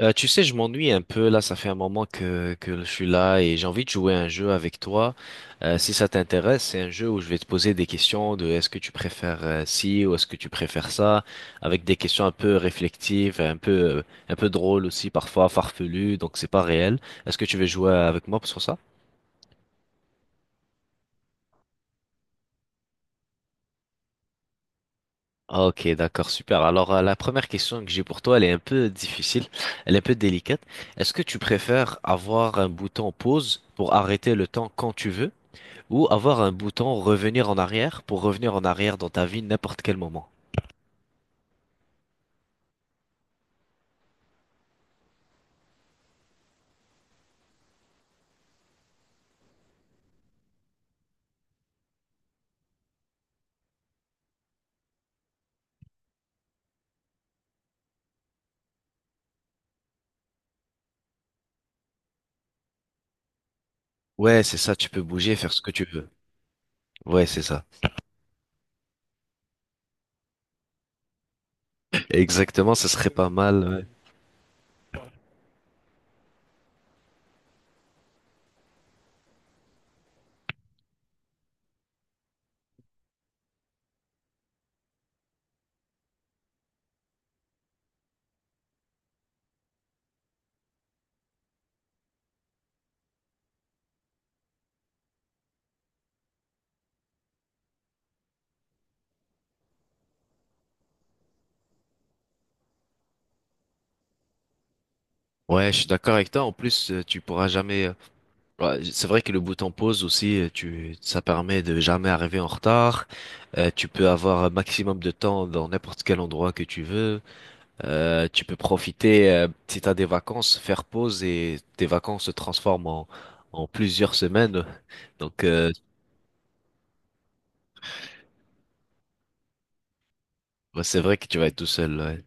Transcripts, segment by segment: Tu sais, je m'ennuie un peu là, ça fait un moment que je suis là et j'ai envie de jouer à un jeu avec toi. Si ça t'intéresse, c'est un jeu où je vais te poser des questions de est-ce que tu préfères ci ou est-ce que tu préfères ça, avec des questions un peu réflexives, un peu drôles aussi parfois, farfelues, donc c'est pas réel. Est-ce que tu veux jouer avec moi sur ça? Ok, d'accord, super. Alors la première question que j'ai pour toi, elle est un peu difficile, elle est un peu délicate. Est-ce que tu préfères avoir un bouton pause pour arrêter le temps quand tu veux? Ou avoir un bouton revenir en arrière pour revenir en arrière dans ta vie n'importe quel moment. Ouais, c'est ça, tu peux bouger, faire ce que tu veux. Ouais, c'est ça. Exactement, ça serait pas mal. Ouais. Ouais, je suis d'accord avec toi. En plus, tu pourras jamais. Ouais, c'est vrai que le bouton pause aussi, ça permet de jamais arriver en retard. Tu peux avoir un maximum de temps dans n'importe quel endroit que tu veux. Tu peux profiter, si t'as des vacances, faire pause et tes vacances se transforment en plusieurs semaines. Donc, euh, Ouais, c'est vrai que tu vas être tout seul, ouais.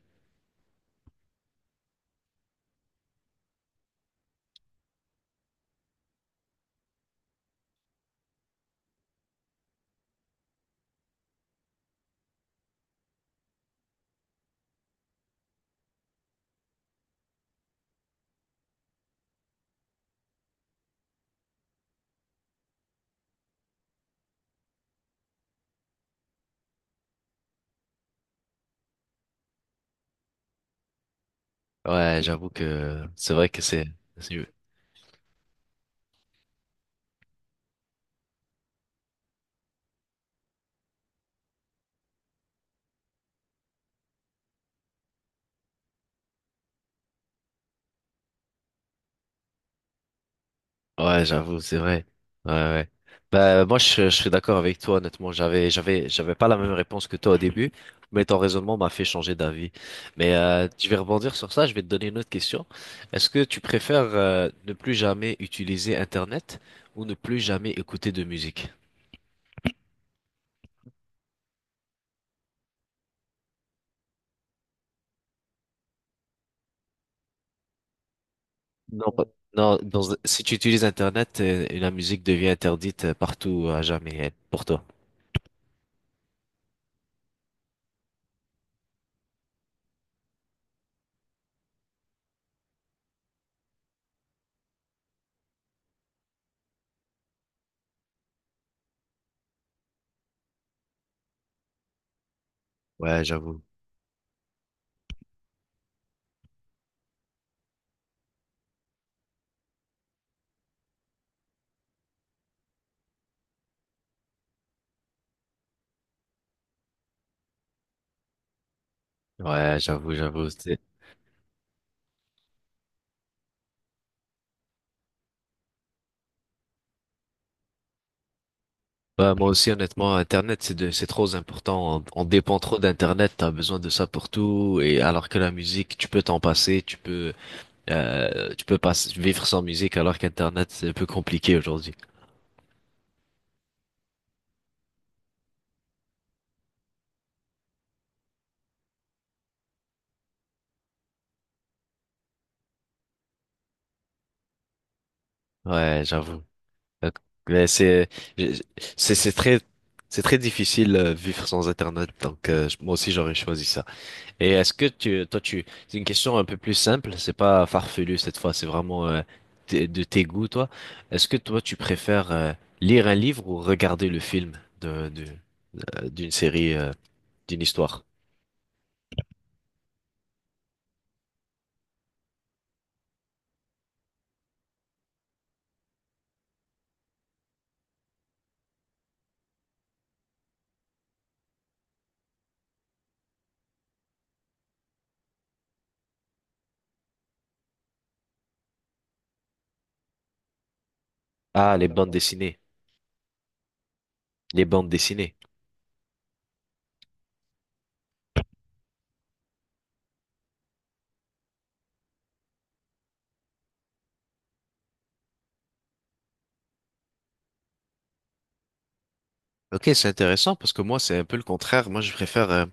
Ouais, j'avoue que c'est vrai que c'est- Ouais, j'avoue, c'est vrai. Ouais, ouais. Bah, moi, je suis d'accord avec toi, honnêtement. J'avais pas la même réponse que toi au début, mais ton raisonnement m'a fait changer d'avis. Mais je vais rebondir sur ça, je vais te donner une autre question. Est-ce que tu préfères ne plus jamais utiliser Internet ou ne plus jamais écouter de musique? Non, pas- non, si tu utilises Internet, la musique devient interdite partout à jamais pour toi. Ouais, j'avoue. Ouais, j'avoue. Bah, moi aussi, honnêtement, Internet, c'est trop important. On dépend trop d'Internet. T'as besoin de ça pour tout. Et alors que la musique, tu peux t'en passer. Tu peux pas vivre sans musique alors qu'Internet, c'est un peu compliqué aujourd'hui. Ouais, j'avoue. Euh, Mais c'est j'ai- c'est très c'est très difficile vivre sans Internet donc moi aussi j'aurais choisi ça. Et est-ce que tu toi tu c'est une question un peu plus simple, c'est pas farfelu cette fois, c'est vraiment de tes goûts toi. Est-ce que toi tu préfères lire un livre ou regarder le film de, de- d'une série d'une histoire? Ah, les bandes dessinées, les bandes dessinées. Ok, c'est intéressant parce que moi, c'est un peu le contraire. Moi,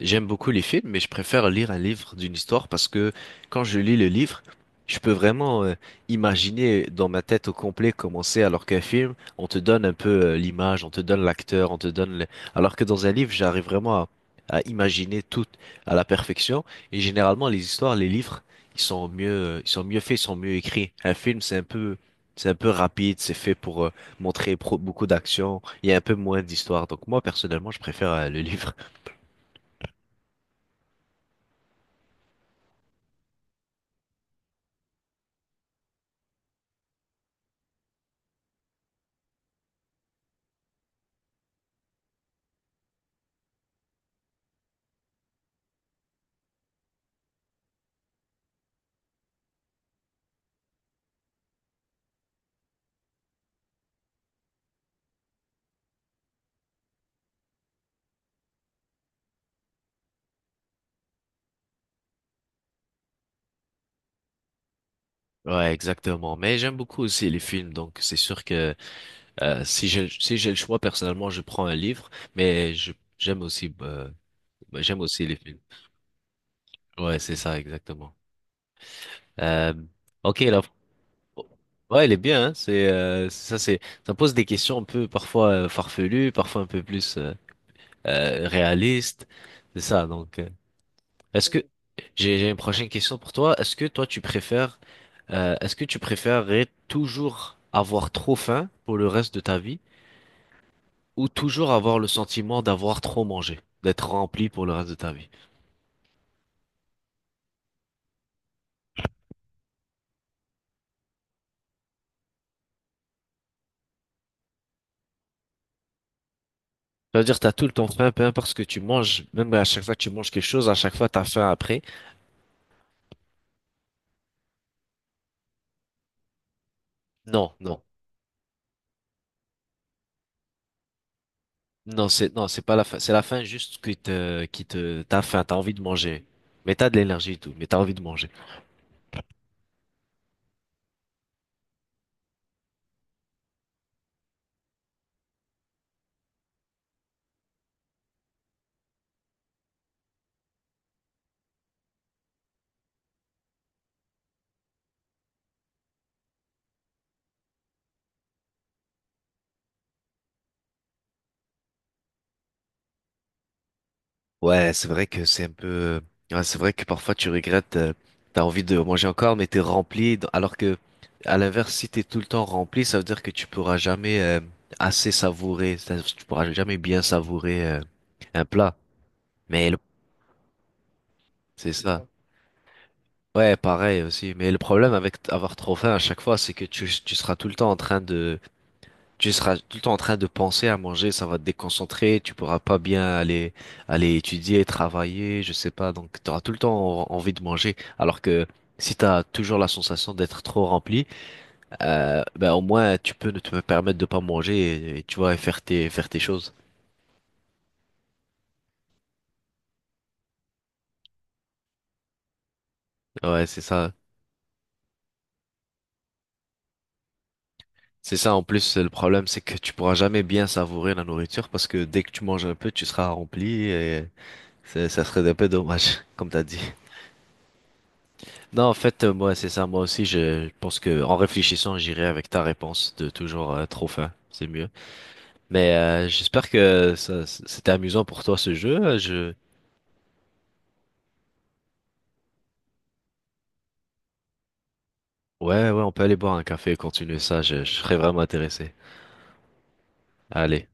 j'aime beaucoup les films, mais je préfère lire un livre d'une histoire parce que quand je lis le livre, je peux vraiment imaginer dans ma tête au complet comment c'est, alors qu'un film, on te donne un peu, l'image, on te donne l'acteur, on te donne le... Alors que dans un livre, à imaginer tout à la perfection. Et généralement, les histoires, les livres, ils sont ils sont mieux faits, ils sont mieux écrits. Un film, c'est un peu rapide, c'est fait pour montrer beaucoup d'action. Il y a un peu moins d'histoire. Donc moi, personnellement, je préfère le livre. Ouais, exactement. Mais j'aime beaucoup aussi les films. Donc c'est sûr que si j'ai le choix, personnellement, je prends un livre. Mais je j'aime aussi euh, j'aime aussi les films. Ouais, c'est ça, exactement. Euh, ok, là. Ouais, il est bien. Hein. C'est ça, c'est Ça pose des questions un peu parfois farfelues, parfois un peu plus réalistes. C'est ça. Est-ce que j'ai une prochaine question pour toi. Est-ce que toi tu préfères est-ce que tu préférerais toujours avoir trop faim pour le reste de ta vie ou toujours avoir le sentiment d'avoir trop mangé, d'être rempli pour le reste de ta vie? C'est-à-dire t'as tout le temps faim, peu importe ce que tu manges, même à chaque fois que tu manges quelque chose, à chaque fois t'as faim après. Non, non. Non, c'est non, c'est pas la faim, c'est la faim juste qui te t'as faim, t'as envie de manger. Mais t'as de l'énergie et tout, mais t'as envie de manger. Ouais, c'est vrai que ouais, c'est vrai que parfois tu regrettes, t'as envie de manger encore, mais t'es rempli, alors que, à l'inverse, si t'es tout le temps rempli, ça veut dire que tu pourras jamais assez savourer, c'est-à-dire que tu pourras jamais bien savourer, un plat. Mais le- c'est ça. Ouais, pareil aussi. Mais le problème avec avoir trop faim à chaque fois, c'est que tu seras tout le temps en train de, tu seras tout le temps en train de penser à manger, ça va te déconcentrer, tu pourras pas bien aller, aller étudier, travailler, je sais pas. Donc, tu auras tout le temps envie de manger. Alors que si tu as toujours la sensation d'être trop rempli, ben, au moins, tu peux ne te permettre de pas manger et tu vois, et faire faire tes choses. Ouais, c'est ça. C'est ça, en plus, le problème, c'est que tu pourras jamais bien savourer la nourriture parce que dès que tu manges un peu, tu seras rempli. Ça serait un peu dommage, comme t'as dit. Non, en fait, moi, c'est ça. Moi aussi, je pense que en réfléchissant, j'irai avec ta réponse de toujours trop fin. C'est mieux. Mais j'espère que ça, c'était amusant pour toi ce jeu. Ouais, ouais, on peut aller boire un café et continuer ça. Je serais vraiment intéressé. Allez.